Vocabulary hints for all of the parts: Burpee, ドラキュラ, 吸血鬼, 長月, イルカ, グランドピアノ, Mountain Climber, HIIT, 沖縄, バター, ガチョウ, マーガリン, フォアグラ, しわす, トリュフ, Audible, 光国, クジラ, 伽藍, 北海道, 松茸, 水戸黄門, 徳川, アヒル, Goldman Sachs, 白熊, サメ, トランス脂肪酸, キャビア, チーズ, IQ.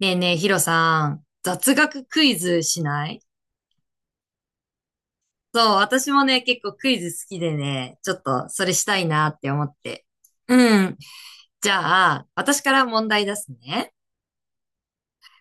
ねえねえ、ヒロさん、雑学クイズしない？そう、私もね、結構クイズ好きでね、ちょっとそれしたいなって思って。うん。じゃあ、私から問題出すね。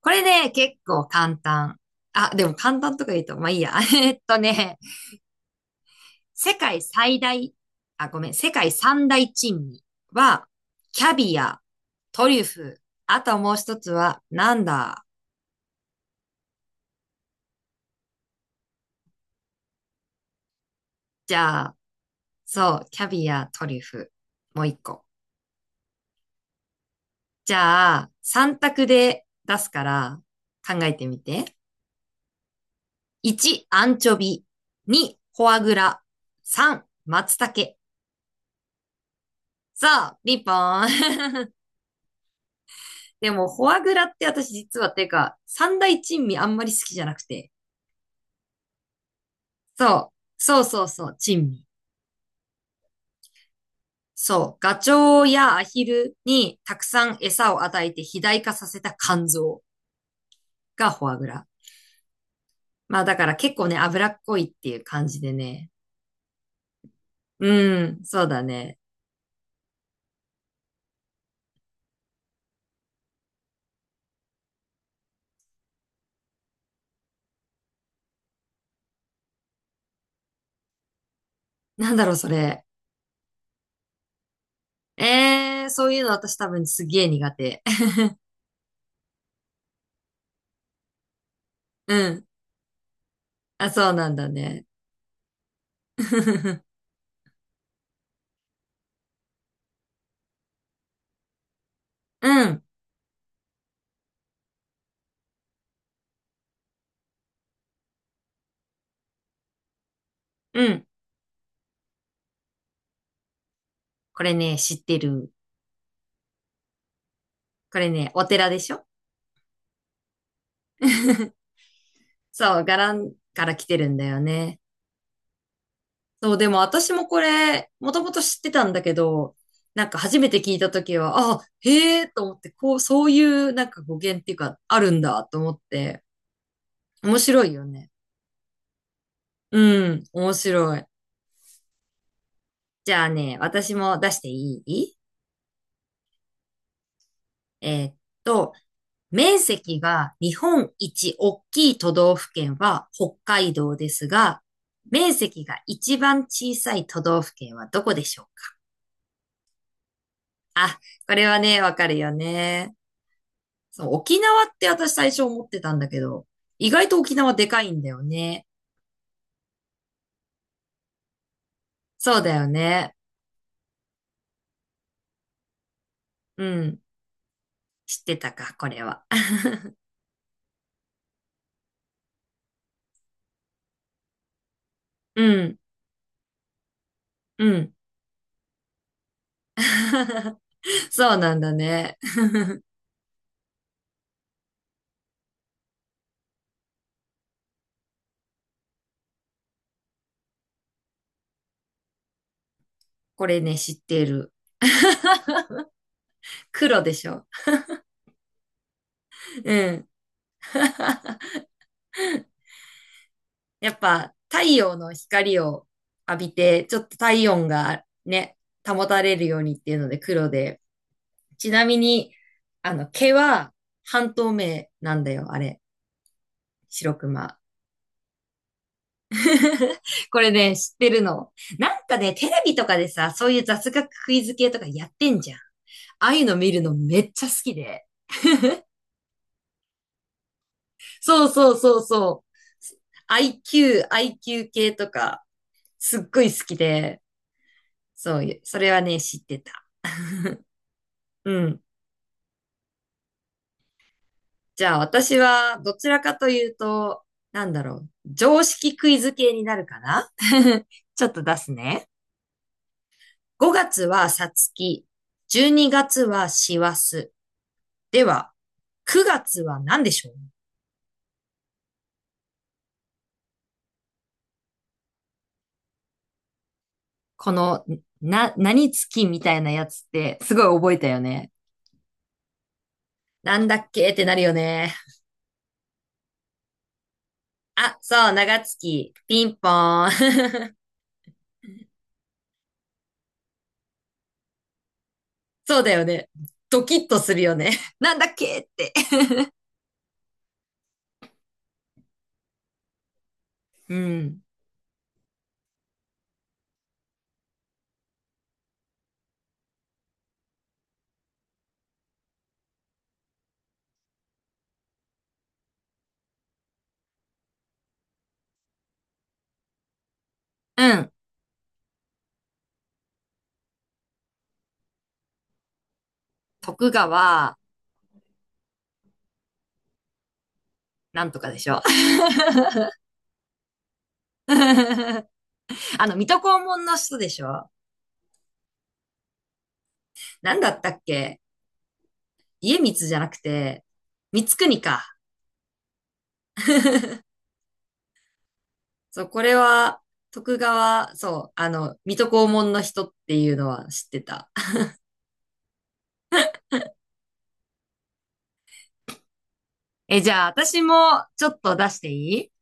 これね、結構簡単。あ、でも簡単とか言うと、まあいいや。世界最大、あ、ごめん、世界三大珍味は、キャビア、トリュフ、あともう一つは、なんだ？じゃあ、そう、キャビア、トリュフ、もう一個。じゃあ、3択で出すから考えてみて。1、アンチョビ。2、フォアグラ。3、松茸。さあ、リンポーン。でも、フォアグラって私実はっていうか、三大珍味あんまり好きじゃなくて。そう。そうそうそう、珍味。そう。ガチョウやアヒルにたくさん餌を与えて肥大化させた肝臓がフォアグラ。まあだから結構ね、脂っこいっていう感じでね。うん、そうだね。なんだろう、それ。そういうの私多分すげえ苦手。うん。あ、そうなんだね。うん、うん。これね、知ってる。これね、お寺でしょ？ そう、伽藍から来てるんだよね。そう、でも私もこれ、もともと知ってたんだけど、なんか初めて聞いたときは、あ、へえと思って、こう、そういうなんか語源っていうか、あるんだと思って、面白いよね。うん、面白い。じゃあね、私も出していい？えーっと、面積が日本一大きい都道府県は北海道ですが、面積が一番小さい都道府県はどこでしょうか？あ、これはね、わかるよね。そう、沖縄って私最初思ってたんだけど、意外と沖縄でかいんだよね。そうだよね。うん。知ってたか、これは。うん、うん。そうなんだね。これね、知ってる。黒でしょ。うん。やっぱ太陽の光を浴びて、ちょっと体温がね、保たれるようにっていうので黒で、ちなみに、毛は半透明なんだよ、あれ。白熊。これね、知ってるの。なんかね、テレビとかでさ、そういう雑学クイズ系とかやってんじゃん。ああいうの見るのめっちゃ好きで。そうそうそうそう。IQ、IQ 系とか、すっごい好きで、そういう、それはね、知ってた。うん。じゃあ私はどちらかというと、なんだろう、常識クイズ系になるかな。 ちょっと出すね。5月はさつき、12月はしわす。では、9月は何でしょう？この、何月みたいなやつってすごい覚えたよね。なんだっけってなるよね。あ、そう、長月、ピンポーン。そうだよね。ドキッとするよね。なんだっけって。うん。うん。徳川、なんとかでしょ。あの、水戸黄門の人でしょ。なんだったっけ？家光じゃなくて、光国か。そう、これは、徳川、そう、あの、水戸黄門の人っていうのは知ってた。え、じゃあ、私もちょっと出していい？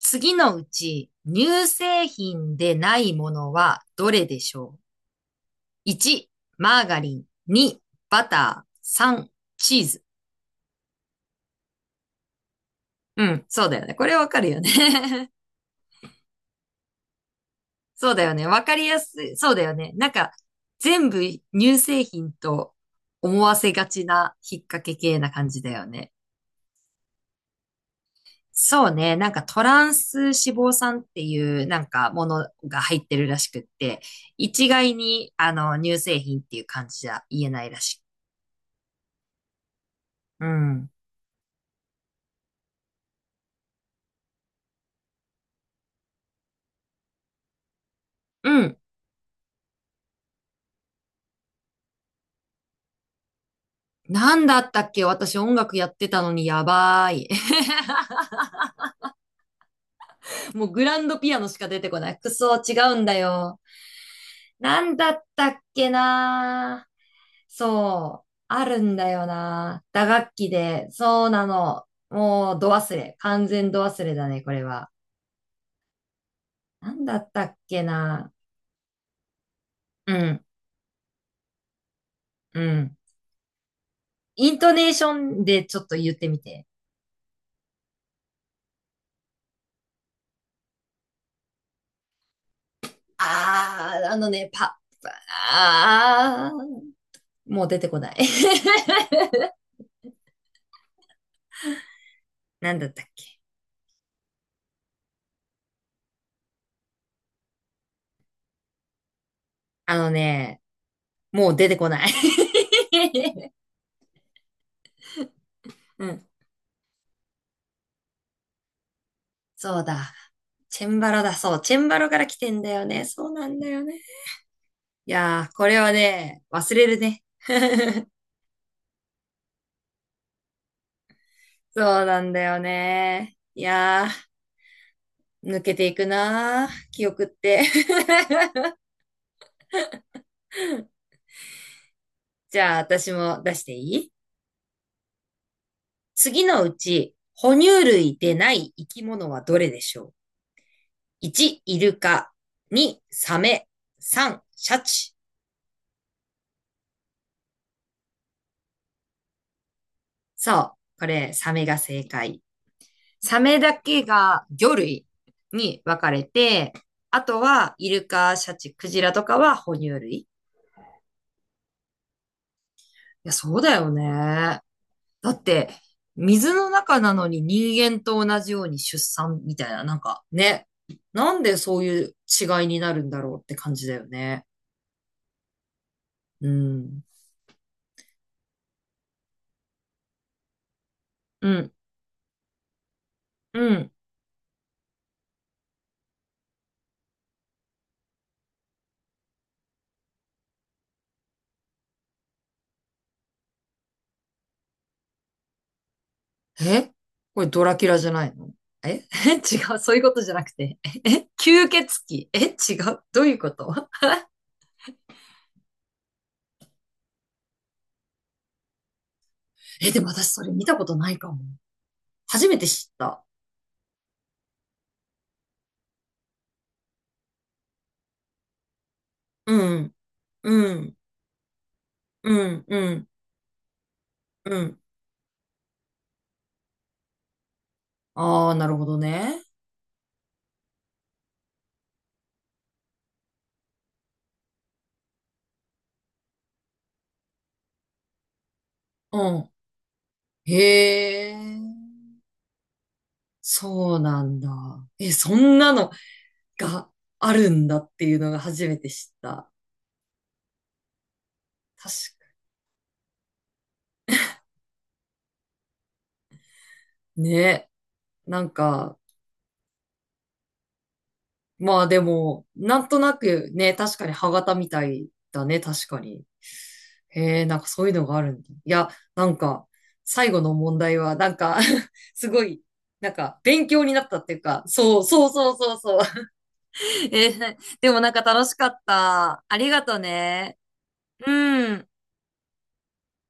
次のうち、乳製品でないものはどれでしょう？ 1、マーガリン。2、バター。3、チーズ。うん、そうだよね。これわかるよね。そうだよね。わかりやすい。そうだよね。なんか、全部乳製品と思わせがちな引っ掛け系な感じだよね。そうね。なんかトランス脂肪酸っていうなんかものが入ってるらしくって、一概にあの乳製品っていう感じじゃ言えないらしい。うん。うん。なんだったっけ？私音楽やってたのにやばい。もうグランドピアノしか出てこない。くそ、違うんだよ。なんだったっけな。そう、あるんだよな。打楽器で、そうなの。もう、ど忘れ。完全ど忘れだね、これは。なんだったっけな。うん、うん。イントネーションでちょっと言ってみて。あのね、パ、あー、もう出てこない。なんだったっけ。あのね、もう出てこない。うん、そうだ。チェンバロだ、そう。チェンバロから来てんだよね。そうなんだよね。いやー、これはね、忘れるね。そうなんだよね。いやー、抜けていくなー、記憶って。じゃあ、私も出していい？次のうち、哺乳類でない生き物はどれでしょう？ 1、イルカ。2、サメ。3、シャチ。そう、これ、サメが正解。サメだけが魚類に分かれて、あとは、イルカ、シャチ、クジラとかは哺乳類。いや、そうだよね。だって、水の中なのに人間と同じように出産みたいな、なんかね、なんでそういう違いになるんだろうって感じだよね。うん。うん。うん。え？これドラキュラじゃないの？え？ 違う。そういうことじゃなくて。え？吸血鬼？え？違う。どういうこと？え、でも私それ見たことないかも。初めて知った。うん。うん。うん。うん。うん。ああ、なるほどね。うん。へえ。そうなんだ。え、そんなのがあるんだっていうのが初めて知った。確かにね。なんか、まあでも、なんとなくね、確かに歯型みたいだね、確かに。へえ、なんかそういうのがあるんだ。いや、なんか、最後の問題は、なんか、 すごい、なんか、勉強になったっていうか、そう、そうそうそうそう。でもなんか楽しかった。ありがとね。うん。